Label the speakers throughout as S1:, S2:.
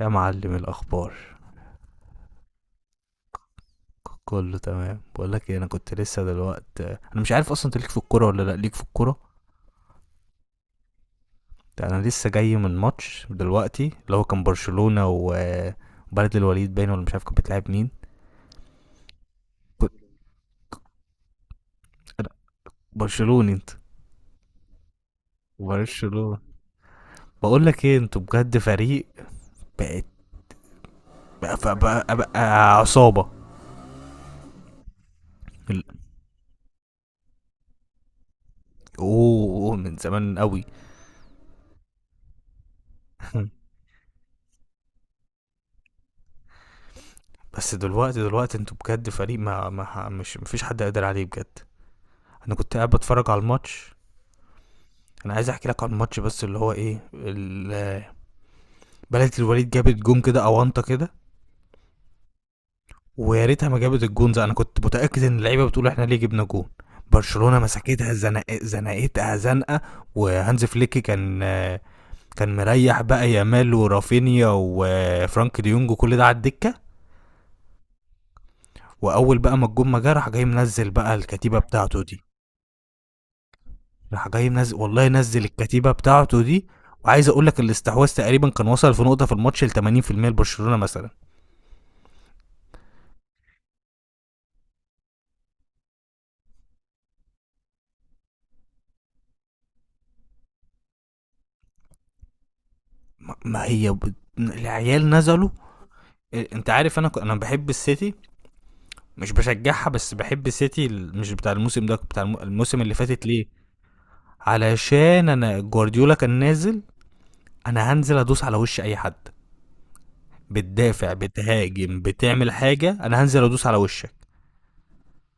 S1: يا معلم الاخبار. كله تمام، بقول لك إيه، انا كنت لسه دلوقت، انا مش عارف اصلا انت ليك في الكوره ولا لا ليك في الكوره. ده انا لسه جاي من ماتش دلوقتي اللي هو كان برشلونه وبلد الوليد، باين ولا مش عارف كانت بتلعب مين. كنت أنا برشلوني. انت؟ برشلونه. بقول لك ايه، انتوا بجد فريق. بقت. بقى, بقى, بقى عصابه. ال- اوه أوه، من زمان قوي. بس دلوقتي دلوقتي انتوا بجد فريق، ما مش مفيش حد قادر عليه بجد. انا كنت قاعد بتفرج على الماتش. انا عايز احكي لك عن ماتش، بس اللي هو ايه بلدة الوليد جابت جون كده اونطه كده. ويا ريتها ما جابت الجون ده، انا كنت متاكد ان اللعيبه بتقول احنا ليه جبنا جون. برشلونه مسكتها، زنقتها زنقه. وهانز فليك كان مريح بقى، يامال ورافينيا وفرانك ديونج وكل ده على الدكه. واول بقى ما الجون ما جه، راح جاي منزل بقى الكتيبه بتاعته دي. راح جاي منزل، والله نزل الكتيبه بتاعته دي. وعايز اقول لك الاستحواذ تقريبا كان وصل في نقطه في الماتش ل 80% لبرشلونه مثلا. ما هي العيال نزلوا. إيه، انت عارف انا انا بحب السيتي. مش بشجعها، بس بحب السيتي، مش بتاع الموسم ده، بتاع الموسم اللي فاتت ليه. علشان انا جوارديولا كان نازل، انا هنزل ادوس على وش اي حد. بتدافع بتهاجم بتعمل حاجه، انا هنزل ادوس على وشك.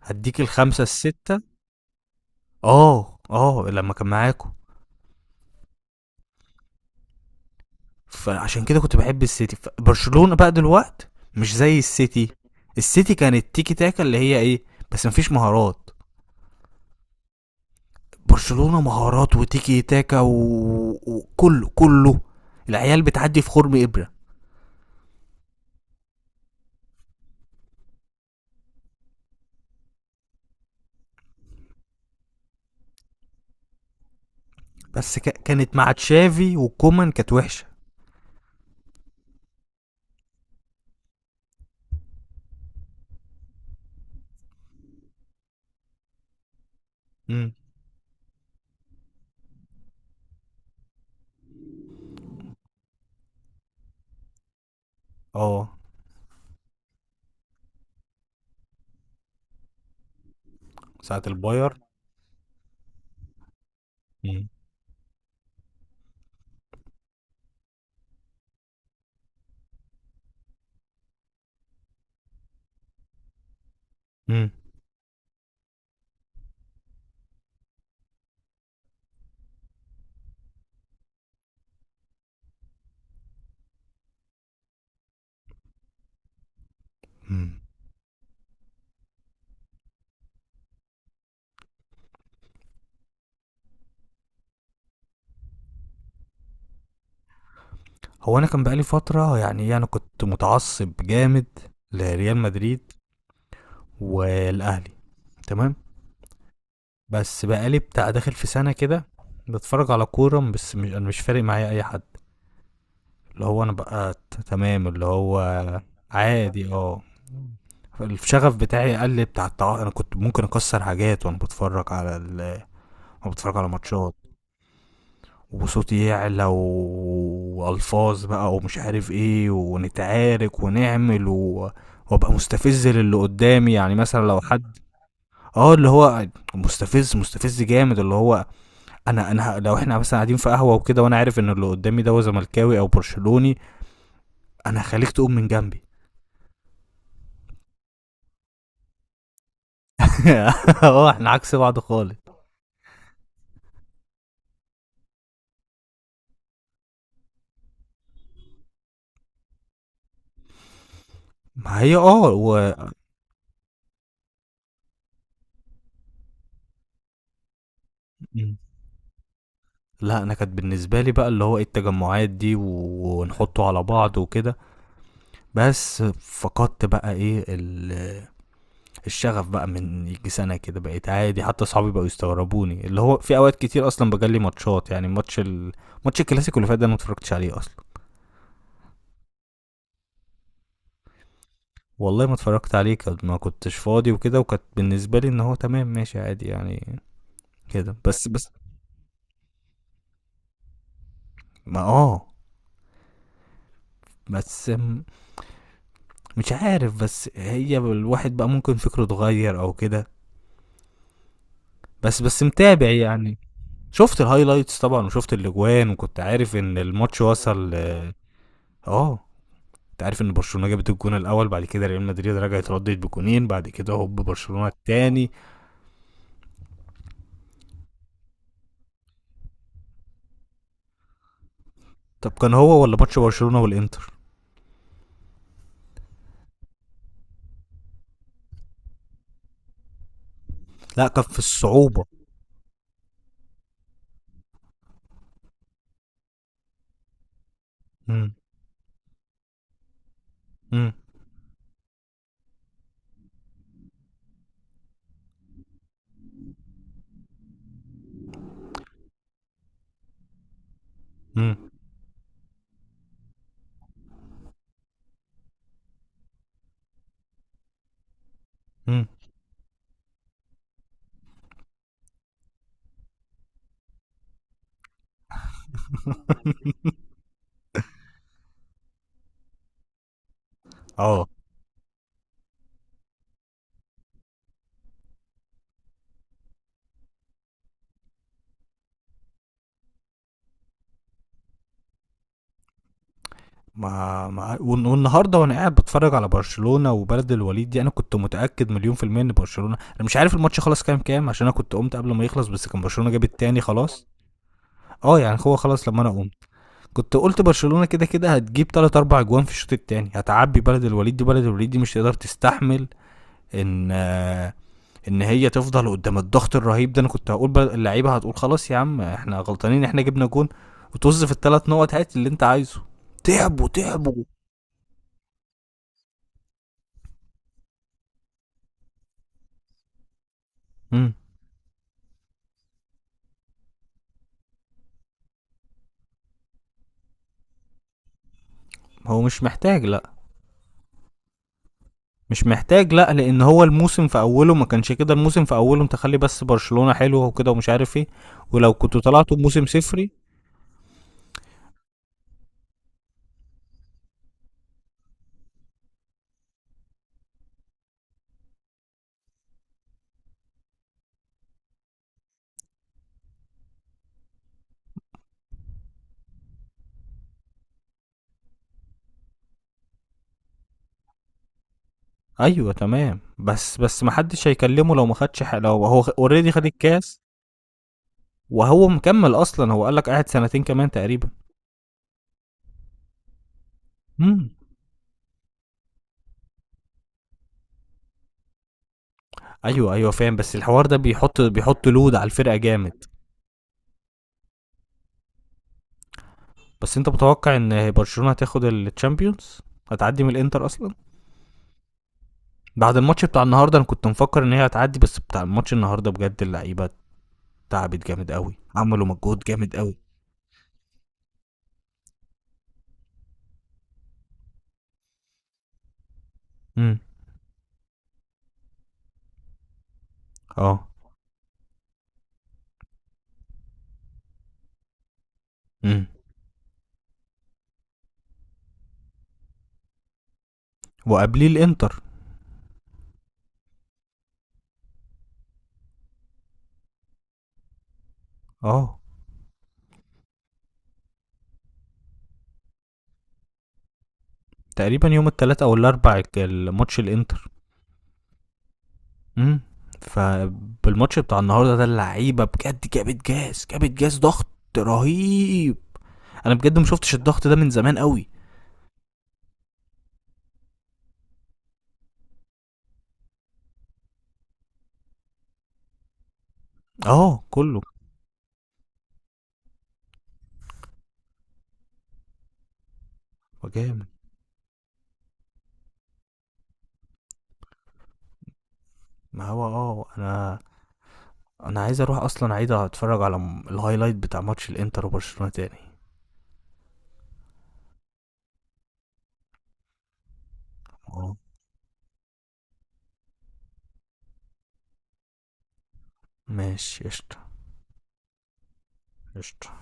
S1: هديك الخمسه السته. اه اه، لما كان معاكم. فعشان كده كنت بحب السيتي. برشلونه بقى دلوقت مش زي السيتي. السيتي كانت تيكي تاكا اللي هي ايه، بس مفيش مهارات. برشلونه مهارات وتيكي تاكا وكله كله. العيال بتعدي في خرم ابره. بس كانت مع تشافي وكومان كانت وحشه. امم. اه، ساعه الباير. امم. امم. هو انا كان بقالي فتره، يعني إيه، انا كنت متعصب جامد لريال مدريد والاهلي. تمام. بس بقالي بتاع داخل في سنه كده بتفرج على كوره، بس مش، انا مش فارق معايا اي حد، اللي هو انا بقى تمام اللي هو عادي اه. الشغف بتاعي قل، بتاع انا كنت ممكن اكسر حاجات وانا بتفرج على وانا بتفرج على ماتشات، وصوتي يعلى والفاظ بقى ومش عارف ايه ونتعارك ونعمل وابقى مستفز للي قدامي، يعني مثلا لو حد اه اللي هو مستفز مستفز جامد اللي هو، انا لو احنا مثلا قاعدين في قهوه وكده، وانا عارف ان اللي قدامي ده هو زملكاوي او برشلوني، انا هخليك تقوم من جنبي. اه، احنا عكس بعض خالص. ما هي اه لأ، أنا كانت بالنسبة لي بقى اللي هو إيه التجمعات دي ونحطه على بعض وكده، بس فقدت بقى إيه الشغف بقى من ييجي سنة كده، بقيت عادي، حتى صحابي بقوا يستغربوني، اللي هو في أوقات كتير أصلًا باجلي ماتشات، يعني ماتش الكلاسيكو اللي فات ده أنا ما اتفرجتش عليه أصلًا، والله ما اتفرجت عليه، كان ما كنتش فاضي وكده، وكانت بالنسبة لي إن هو تمام ماشي عادي يعني كده. بس ما بس مش عارف، بس هي الواحد بقى ممكن فكره اتغير أو كده، بس متابع يعني. شفت الهايلايتس طبعا، وشفت الاجوان، وكنت عارف ان الماتش وصل. اه آه، انت عارف ان برشلونه جابت الجون الاول، بعد كده ريال مدريد رجعت ردت بجونين، بعد كده هوب برشلونه التاني. طب كان هو ولا ماتش برشلونه والانتر؟ لا، كان في الصعوبه. مم، مم، مم، مم. اه، ما والنهارده وانا قاعد بتفرج على برشلونه وبلد الوليد دي، انا كنت متاكد مليون في الميه ان برشلونه، انا مش عارف الماتش خلاص كام كام، عشان انا كنت قمت قبل ما يخلص، بس كان برشلونه جاب التاني خلاص. اه، يعني هو خلاص لما انا قمت كنت قلت برشلونه كده كده هتجيب 3 4 اجوان في الشوط الثاني، هتعبي بلد الوليد دي، بلد الوليد دي مش تقدر تستحمل ان ان هي تفضل قدام الضغط الرهيب ده. انا كنت هقول اللعيبه هتقول خلاص يا عم احنا غلطانين، احنا جبنا جون وطز في الثلاث نقط، هات اللي انت عايزه. تعبوا تعبوا. امم. هو مش محتاج، لا. مش محتاج لا، لان هو الموسم في اوله ما كانش كده، الموسم في اوله، انت خلي بس برشلونه حلوه وكده ومش عارف ايه، ولو كنتوا طلعتوا بموسم صفري. أيوه تمام، بس ما حدش هيكلمه لو ما خدش لو هو already خد الكاس، وهو مكمّل أصلًا، هو قال لك قاعد سنتين كمان تقريبًا. إمم. أيوه، أيوه فاهم، بس الحوار ده بيحط load على الفرقة جامد. بس أنت متوقع إن برشلونة هتاخد الChampions؟ هتعدّي من الإنتر أصلًا؟ بعد الماتش بتاع النهارده أنا كنت مفكّر إن هي هتعدّي، بس بتاع الماتش النهارده بجد اللعيبة تعبت جامد أوي، عملوا مجهود جامد أوي. إمم. آه. إمم. وقبليه الإنتر. آه. تقريبًا يوم التلات أو الأربع الماتش الإنتر. امم. فبالماتش بتاع النهارده ده اللعيبه بجد جابت جاز جابت جاز ضغط رهيب. انا بجد ما شفتش الضغط ده من زمان قوي. اه كله جامد. ما هو اه انا، انا عايز اروح اصلا، عايز اتفرج على الهايلايت بتاع ماتش الانتر وبرشلونه تاني. اه ماشي قشطه. قشطه.